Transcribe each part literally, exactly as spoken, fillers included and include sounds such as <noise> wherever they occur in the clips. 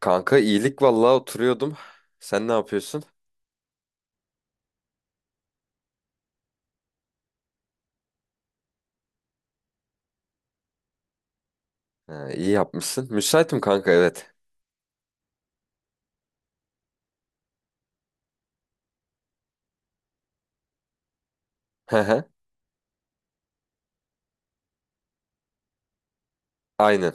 Kanka iyilik vallahi oturuyordum. Sen ne yapıyorsun? Ha, iyi yapmışsın. Müsaitim kanka evet. Hı hı. Aynen.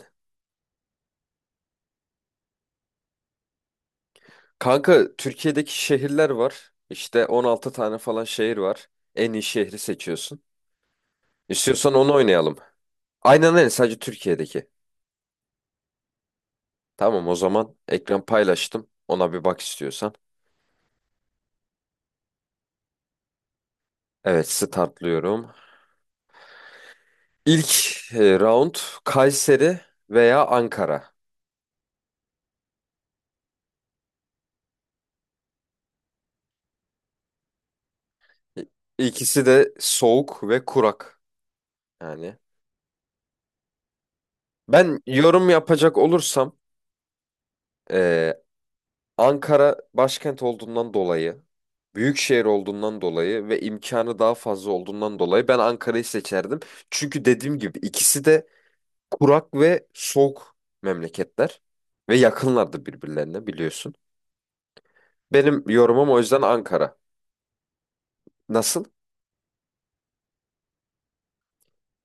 Kanka Türkiye'deki şehirler var. İşte on altı tane falan şehir var. En iyi şehri seçiyorsun. İstiyorsan onu oynayalım. Aynen öyle, sadece Türkiye'deki. Tamam o zaman ekran paylaştım. Ona bir bak istiyorsan. Evet, startlıyorum. İlk e, round Kayseri veya Ankara. İ- İkisi de soğuk ve kurak. Yani ben yorum yapacak olursam eee, Ankara başkent olduğundan dolayı, büyük şehir olduğundan dolayı ve imkanı daha fazla olduğundan dolayı ben Ankara'yı seçerdim. Çünkü dediğim gibi ikisi de kurak ve soğuk memleketler ve yakınlardı birbirlerine, biliyorsun. Benim yorumum o yüzden Ankara. Nasıl?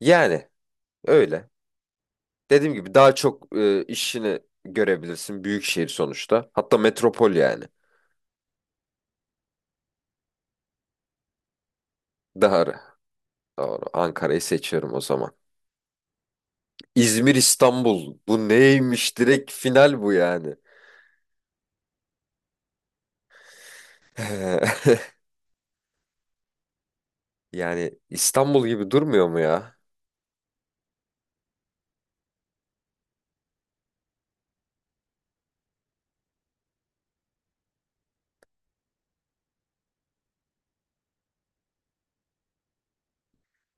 Yani öyle. Dediğim gibi daha çok eee, işini görebilirsin, büyük şehir sonuçta. Hatta metropol yani. Doğru. Doğru. Ankara'yı seçiyorum o zaman. İzmir, İstanbul. Bu neymiş? Direkt final bu yani. <laughs> Yani İstanbul gibi durmuyor mu ya?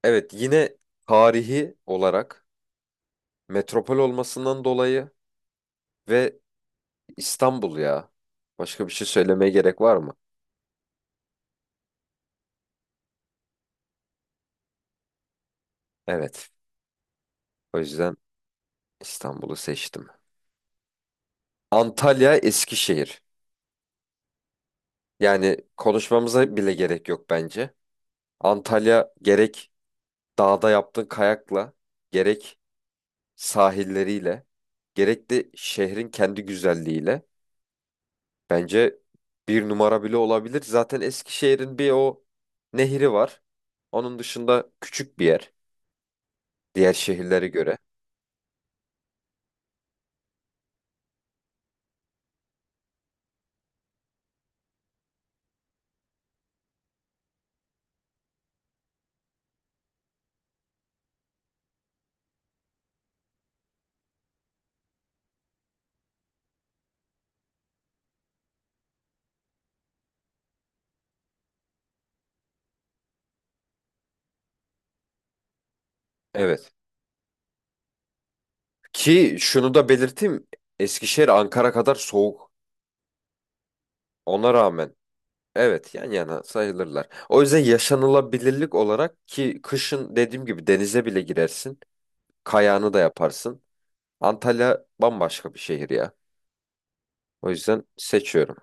Evet, yine tarihi olarak, metropol olmasından dolayı ve İstanbul ya. Başka bir şey söylemeye gerek var mı? Evet. O yüzden İstanbul'u seçtim. Antalya, Eskişehir. Yani konuşmamıza bile gerek yok bence. Antalya gerek dağda yaptığın kayakla, gerek sahilleriyle, gerek de şehrin kendi güzelliğiyle bence bir numara bile olabilir. Zaten Eskişehir'in bir o nehri var. Onun dışında küçük bir yer diğer şehirlere göre. Evet. Ki şunu da belirteyim. Eskişehir Ankara kadar soğuk. Ona rağmen evet, yan yana sayılırlar. O yüzden yaşanılabilirlik olarak, ki kışın dediğim gibi denize bile girersin. Kayağını da yaparsın. Antalya bambaşka bir şehir ya. O yüzden seçiyorum.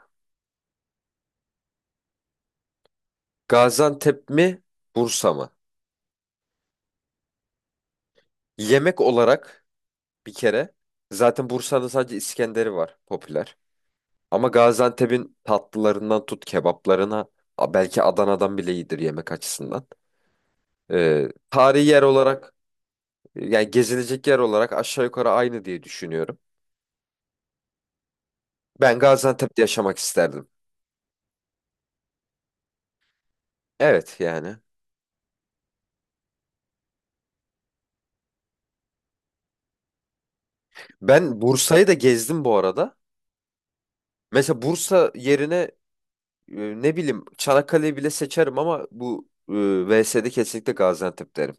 Gaziantep mi, Bursa mı? Yemek olarak bir kere zaten Bursa'nın sadece İskender'i var popüler. Ama Gaziantep'in tatlılarından tut kebaplarına, a- belki Adana'dan bile iyidir yemek açısından. Ee, tarihi yer olarak yani gezilecek yer olarak aşağı yukarı aynı diye düşünüyorum. Ben Gaziantep'te yaşamak isterdim. Evet yani. Ben Bursa'yı da gezdim bu arada. Mesela Bursa yerine e, ne bileyim Çanakkale'yi bile seçerim, ama bu e, V S'de kesinlikle Gaziantep derim.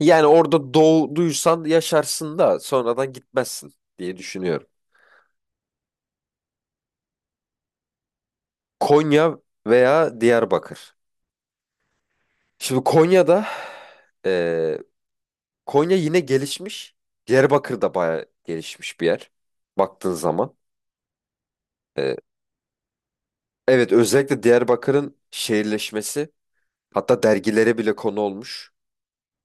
Yani orada doğduysan yaşarsın da sonradan gitmezsin diye düşünüyorum. Konya veya Diyarbakır. Şimdi Konya'da, e, Konya yine gelişmiş. Diyarbakır da bayağı gelişmiş bir yer baktığın zaman. E, evet, özellikle Diyarbakır'ın şehirleşmesi hatta dergilere bile konu olmuş.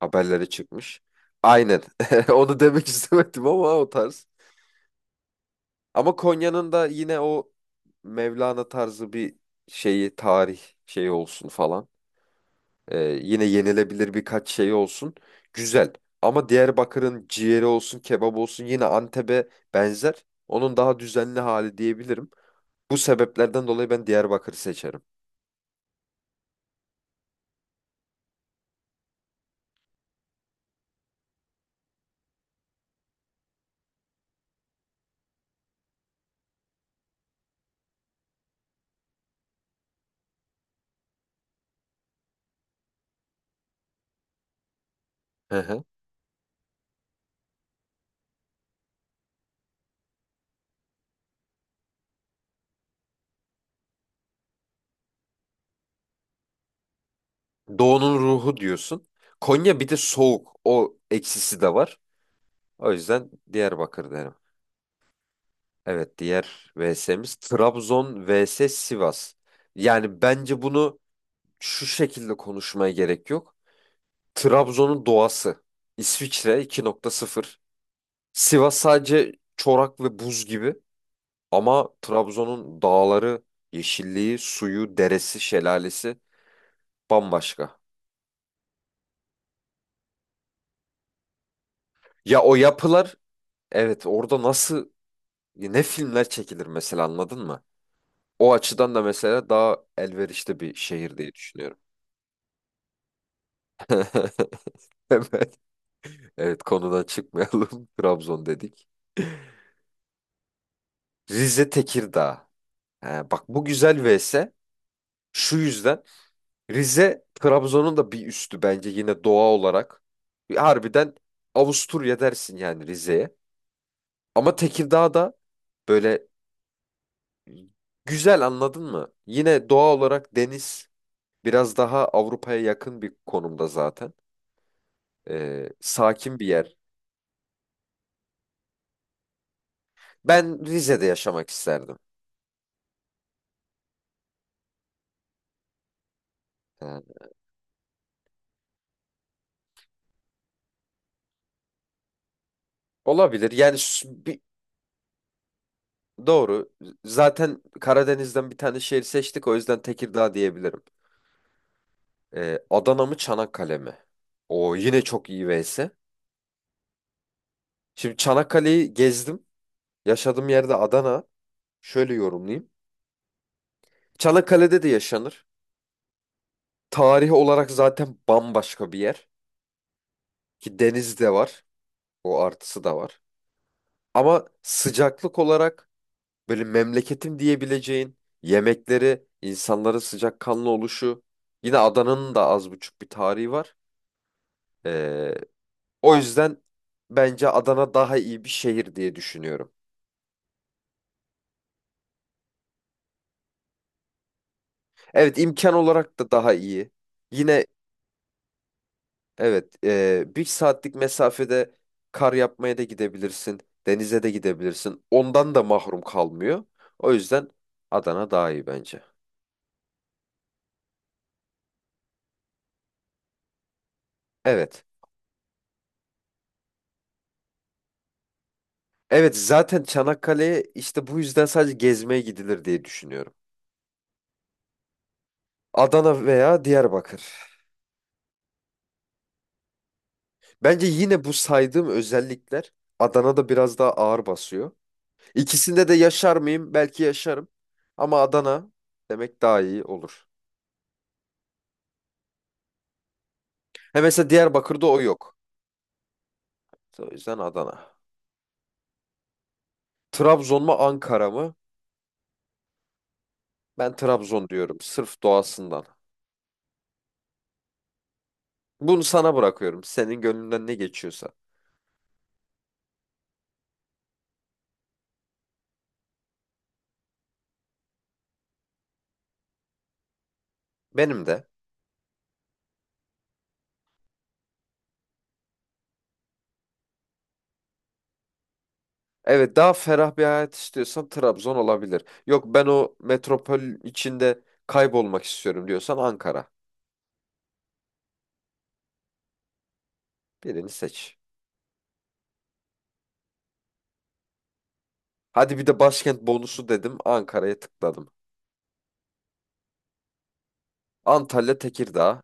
Haberlere çıkmış. Aynen. <laughs> Onu demek istemedim ama o tarz. Ama Konya'nın da yine o Mevlana tarzı bir şeyi, tarih şeyi olsun falan. Ee, yine yenilebilir birkaç şey olsun. Güzel. Ama Diyarbakır'ın ciğeri olsun, kebap olsun yine Antep'e benzer. Onun daha düzenli hali diyebilirim. Bu sebeplerden dolayı ben Diyarbakır'ı seçerim. Hı hı. Doğu'nun ruhu diyorsun. Konya bir de soğuk. O eksisi de var. O yüzden Diyarbakır derim. Evet, diğer V S'miz Trabzon vs Sivas. Yani bence bunu şu şekilde konuşmaya gerek yok. Trabzon'un doğası. İsviçre iki nokta sıfır. Sivas sadece çorak ve buz gibi, ama Trabzon'un dağları, yeşilliği, suyu, deresi, şelalesi bambaşka. Ya o yapılar, evet, orada nasıl ne filmler çekilir mesela, anladın mı? O açıdan da mesela daha elverişli bir şehir diye düşünüyorum. <laughs> Evet, konudan çıkmayalım. <laughs> Trabzon dedik. Rize, Tekirdağ. He, bak bu güzel versus. Şu yüzden Rize Trabzon'un da bir üstü bence yine doğa olarak. Harbiden Avusturya dersin yani Rize'ye. Ama Tekirdağ da böyle güzel, anladın mı? Yine doğa olarak, deniz, biraz daha Avrupa'ya yakın bir konumda zaten. Ee, sakin bir yer. Ben Rize'de yaşamak isterdim. Yani olabilir. Yani s- bir. Doğru. Zaten Karadeniz'den bir tane şehir seçtik. O yüzden Tekirdağ diyebilirim. Ee, Adana mı Çanakkale mi? O yine çok iyi versus. Şimdi Çanakkale'yi gezdim. Yaşadığım yerde Adana. Şöyle yorumlayayım. Çanakkale'de de yaşanır. Tarihi olarak zaten bambaşka bir yer. Ki deniz de var. O artısı da var. Ama sıcaklık olarak böyle memleketim diyebileceğin yemekleri, insanların sıcakkanlı oluşu. Yine Adana'nın da az buçuk bir tarihi var. Ee, o yüzden bence Adana daha iyi bir şehir diye düşünüyorum. Evet, imkan olarak da daha iyi. Yine evet, e, bir saatlik mesafede kar yapmaya da gidebilirsin. Denize de gidebilirsin. Ondan da mahrum kalmıyor. O yüzden Adana daha iyi bence. Evet. Evet, zaten Çanakkale'ye işte bu yüzden sadece gezmeye gidilir diye düşünüyorum. Adana veya Diyarbakır. Bence yine bu saydığım özellikler Adana'da biraz daha ağır basıyor. İkisinde de yaşar mıyım? Belki yaşarım. Ama Adana demek daha iyi olur. He, mesela Diyarbakır'da o yok. O yüzden Adana. Trabzon mu Ankara mı? Ben Trabzon diyorum sırf doğasından. Bunu sana bırakıyorum. Senin gönlünden ne geçiyorsa. Benim de. Evet, daha ferah bir hayat istiyorsan Trabzon olabilir. Yok, ben o metropol içinde kaybolmak istiyorum diyorsan Ankara. Birini seç. Hadi bir de başkent bonusu dedim, Ankara'ya tıkladım. Antalya, Tekirdağ.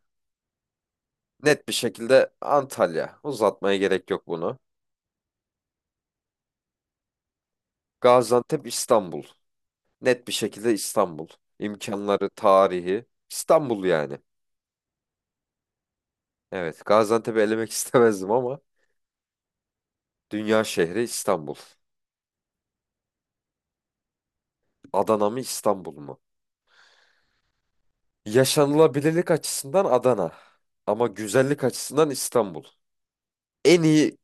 Net bir şekilde Antalya. Uzatmaya gerek yok bunu. Gaziantep, İstanbul. Net bir şekilde İstanbul. İmkanları, tarihi. İstanbul yani. Evet, Gaziantep'i elemek <laughs> istemezdim ama dünya şehri İstanbul. Adana mı İstanbul mu? Yaşanılabilirlik açısından Adana. Ama güzellik açısından İstanbul. En iyi.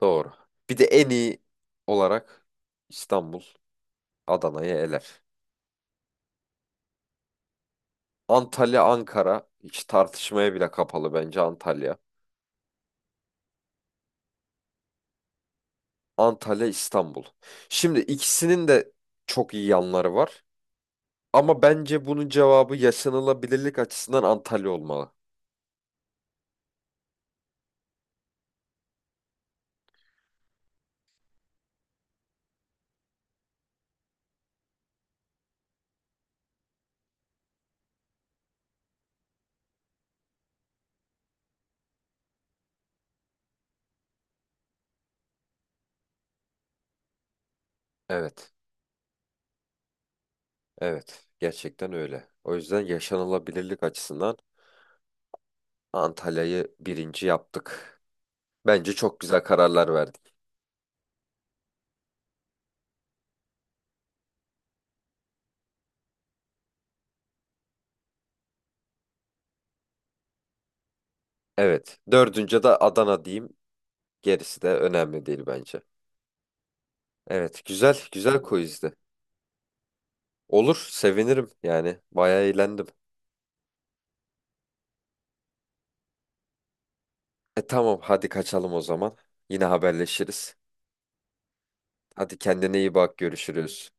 Doğru. Bir de en iyi olarak İstanbul Adana'yı eler. Antalya, Ankara, hiç tartışmaya bile kapalı bence Antalya. Antalya, İstanbul. Şimdi ikisinin de çok iyi yanları var. Ama bence bunun cevabı yaşanılabilirlik açısından Antalya olmalı. Evet, evet. Gerçekten öyle. O yüzden yaşanılabilirlik açısından Antalya'yı birinci yaptık. Bence çok güzel kararlar verdik. Evet, dördüncü de Adana diyeyim. Gerisi de önemli değil bence. Evet, güzel, güzel quizdi. Olur, sevinirim yani. Bayağı eğlendim. E tamam, hadi kaçalım o zaman. Yine haberleşiriz. Hadi kendine iyi bak, görüşürüz.